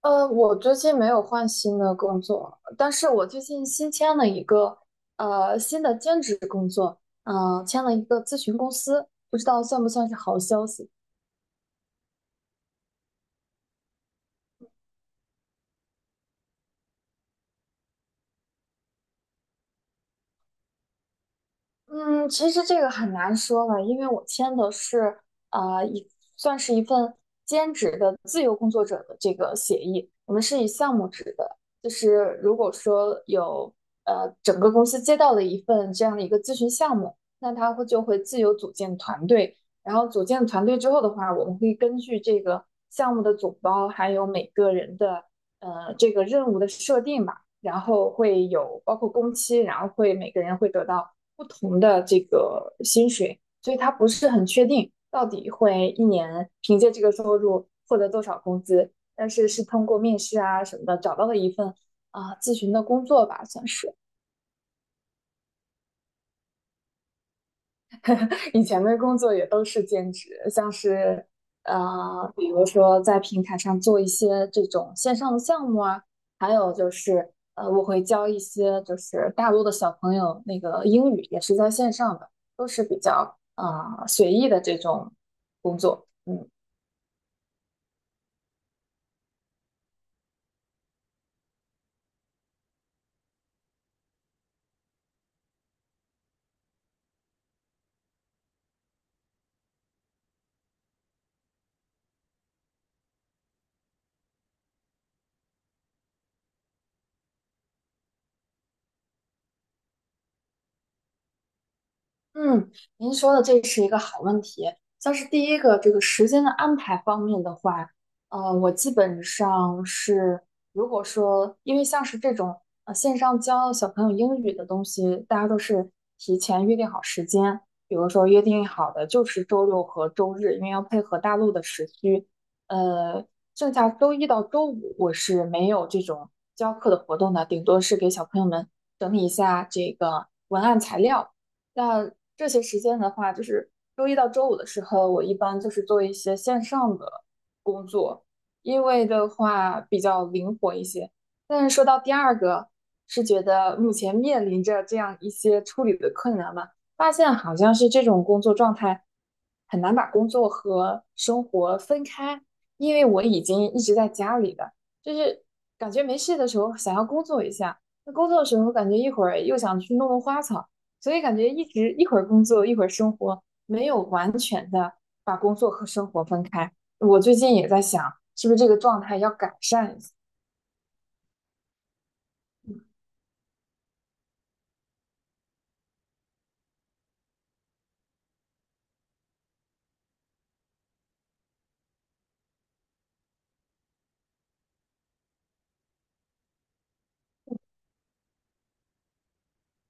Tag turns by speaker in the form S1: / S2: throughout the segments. S1: 我最近没有换新的工作，但是我最近新签了一个新的兼职工作。签了一个咨询公司，不知道算不算是好消息？嗯，其实这个很难说了，因为我签的是呃一算是一份兼职的自由工作者的这个协议。我们是以项目制的，就是如果说有整个公司接到了一份这样的一个咨询项目，那他就会自由组建团队。然后组建团队之后的话，我们会根据这个项目的总包，还有每个人的这个任务的设定吧。然后会有包括工期，然后会每个人会得到不同的这个薪水。所以他不是很确定到底会一年凭借这个收入获得多少工资，但是是通过面试啊什么的找到了一份咨询的工作吧，算是。以前的工作也都是兼职，像是比如说在平台上做一些这种线上的项目啊。还有就是我会教一些就是大陆的小朋友那个英语，也是在线上的，都是比较随意的这种工作。嗯，嗯，您说的这是一个好问题。像是第一个这个时间的安排方面的话，我基本上是，如果说因为像是这种线上教小朋友英语的东西，大家都是提前约定好时间。比如说约定好的就是周六和周日，因为要配合大陆的时区。呃，剩下周一到周五我是没有这种教课的活动的，顶多是给小朋友们整理一下这个文案材料。那这些时间的话，就是周一到周五的时候，我一般就是做一些线上的工作，因为的话比较灵活一些。但是说到第二个，是觉得目前面临着这样一些处理的困难嘛。发现好像是这种工作状态很难把工作和生活分开，因为我已经一直在家里了。就是感觉没事的时候想要工作一下，那工作的时候感觉一会儿又想去弄弄花草。所以感觉一直一会儿工作一会儿生活，没有完全的把工作和生活分开。我最近也在想，是不是这个状态要改善一下？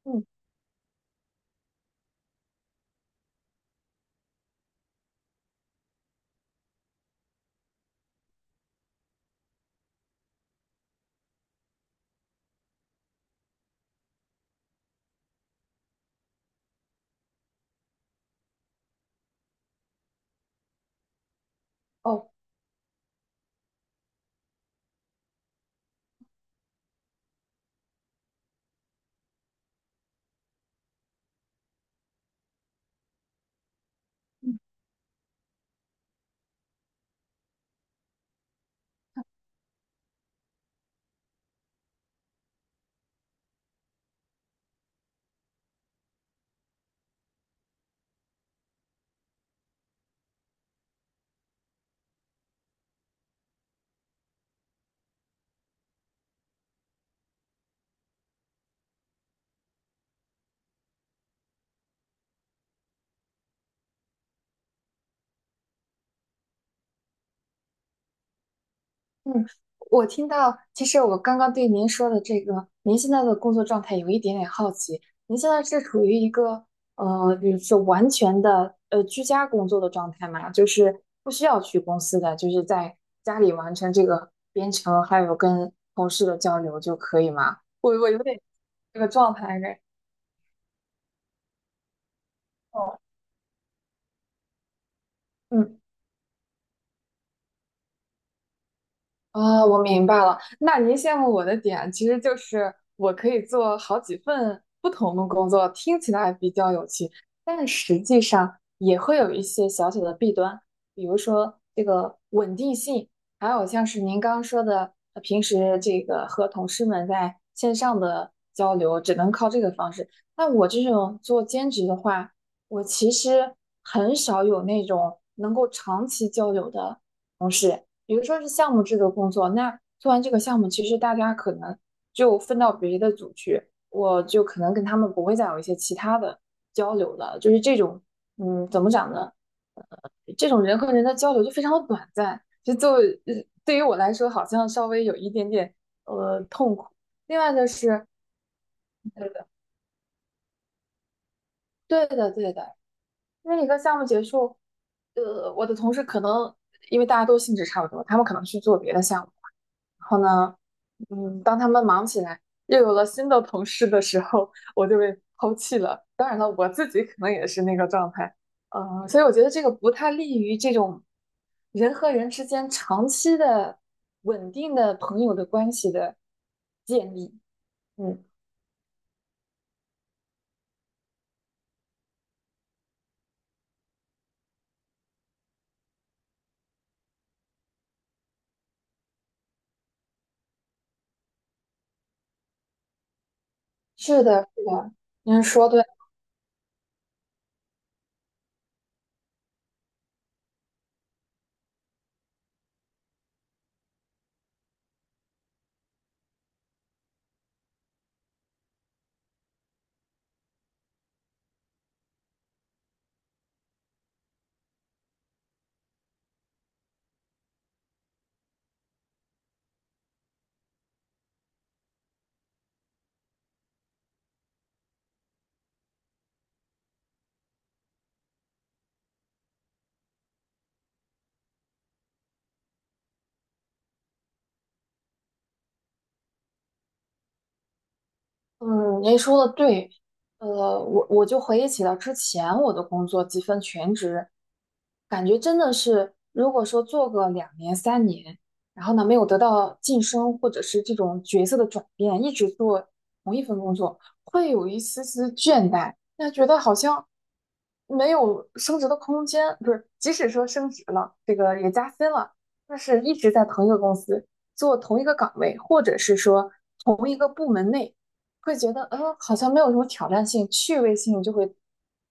S1: 嗯。哦。嗯，我听到，其实我刚刚对您说的这个，您现在的工作状态有一点点好奇。您现在是处于一个比如说完全的居家工作的状态吗？就是不需要去公司的，就是在家里完成这个编程，还有跟同事的交流就可以吗？我有点这个状态应该。哦。嗯。啊，我明白了。那您羡慕我的点，其实就是我可以做好几份不同的工作，听起来比较有趣，但是实际上也会有一些小小的弊端。比如说这个稳定性，还有像是您刚刚说的，平时这个和同事们在线上的交流，只能靠这个方式。那我这种做兼职的话，我其实很少有那种能够长期交流的同事。比如说是项目制的工作，那做完这个项目，其实大家可能就分到别的组去，我就可能跟他们不会再有一些其他的交流了。就是这种，嗯，怎么讲呢？呃这种人和人的交流就非常的短暂，就 对于我来说，好像稍微有一点点痛苦。另外就是，对的，对的，对的。因为一个项目结束，我的同事可能因为大家都性质差不多，他们可能去做别的项目。然后呢，嗯，当他们忙起来，又有了新的同事的时候，我就被抛弃了。当然了，我自己可能也是那个状态。嗯，所以我觉得这个不太利于这种人和人之间长期的稳定的朋友的关系的建立。嗯，是的，是的，您说对。嗯，您说的对。呃，我就回忆起了之前我的工作，几份全职。感觉真的是，如果说做个2年、3年，然后呢没有得到晋升或者是这种角色的转变，一直做同一份工作，会有一丝丝倦怠。那觉得好像没有升职的空间，不是，即使说升职了，这个也加薪了，但是一直在同一个公司做同一个岗位，或者是说同一个部门内，会觉得好像没有什么挑战性，趣味性就会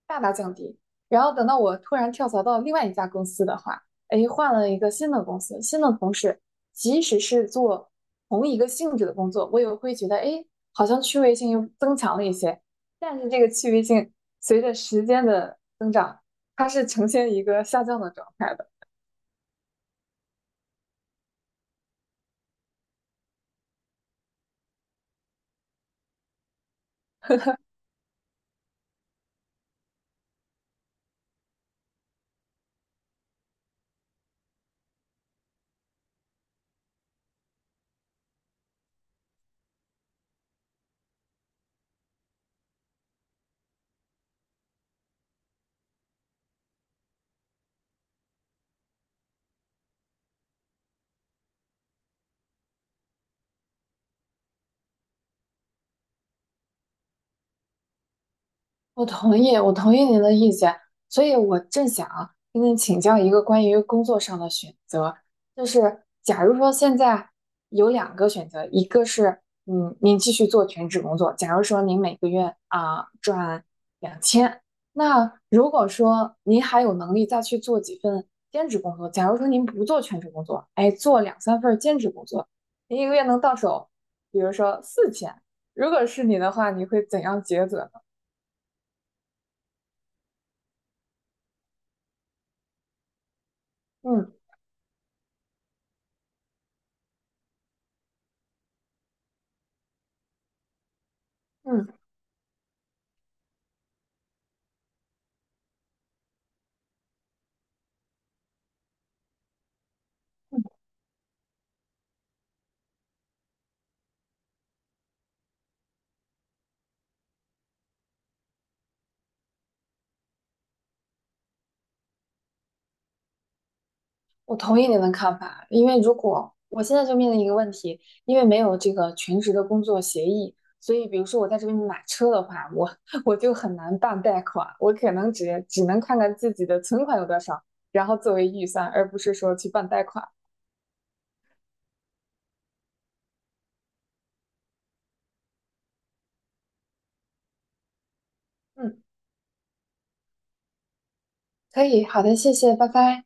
S1: 大大降低。然后等到我突然跳槽到另外一家公司的话，哎，换了一个新的公司，新的同事，即使是做同一个性质的工作，我也会觉得，哎，好像趣味性又增强了一些。但是这个趣味性随着时间的增长，它是呈现一个下降的状态的。我同意您的意见。所以我正想跟您请教一个关于工作上的选择，就是假如说现在有两个选择，一个是您继续做全职工作，假如说您每个月啊挣2000。那如果说您还有能力再去做几份兼职工作，假如说您不做全职工作，哎，做两三份兼职工作，您一个月能到手，比如说4000，如果是你的话，你会怎样抉择呢？嗯嗯。我同意您的看法，因为如果我现在就面临一个问题，因为没有这个全职的工作协议。所以比如说我在这边买车的话，我 我就很难办贷款。我可能只能看看自己的存款有多少，然后作为预算，而不是说去办贷款。嗯，可以，好的，谢谢，拜拜。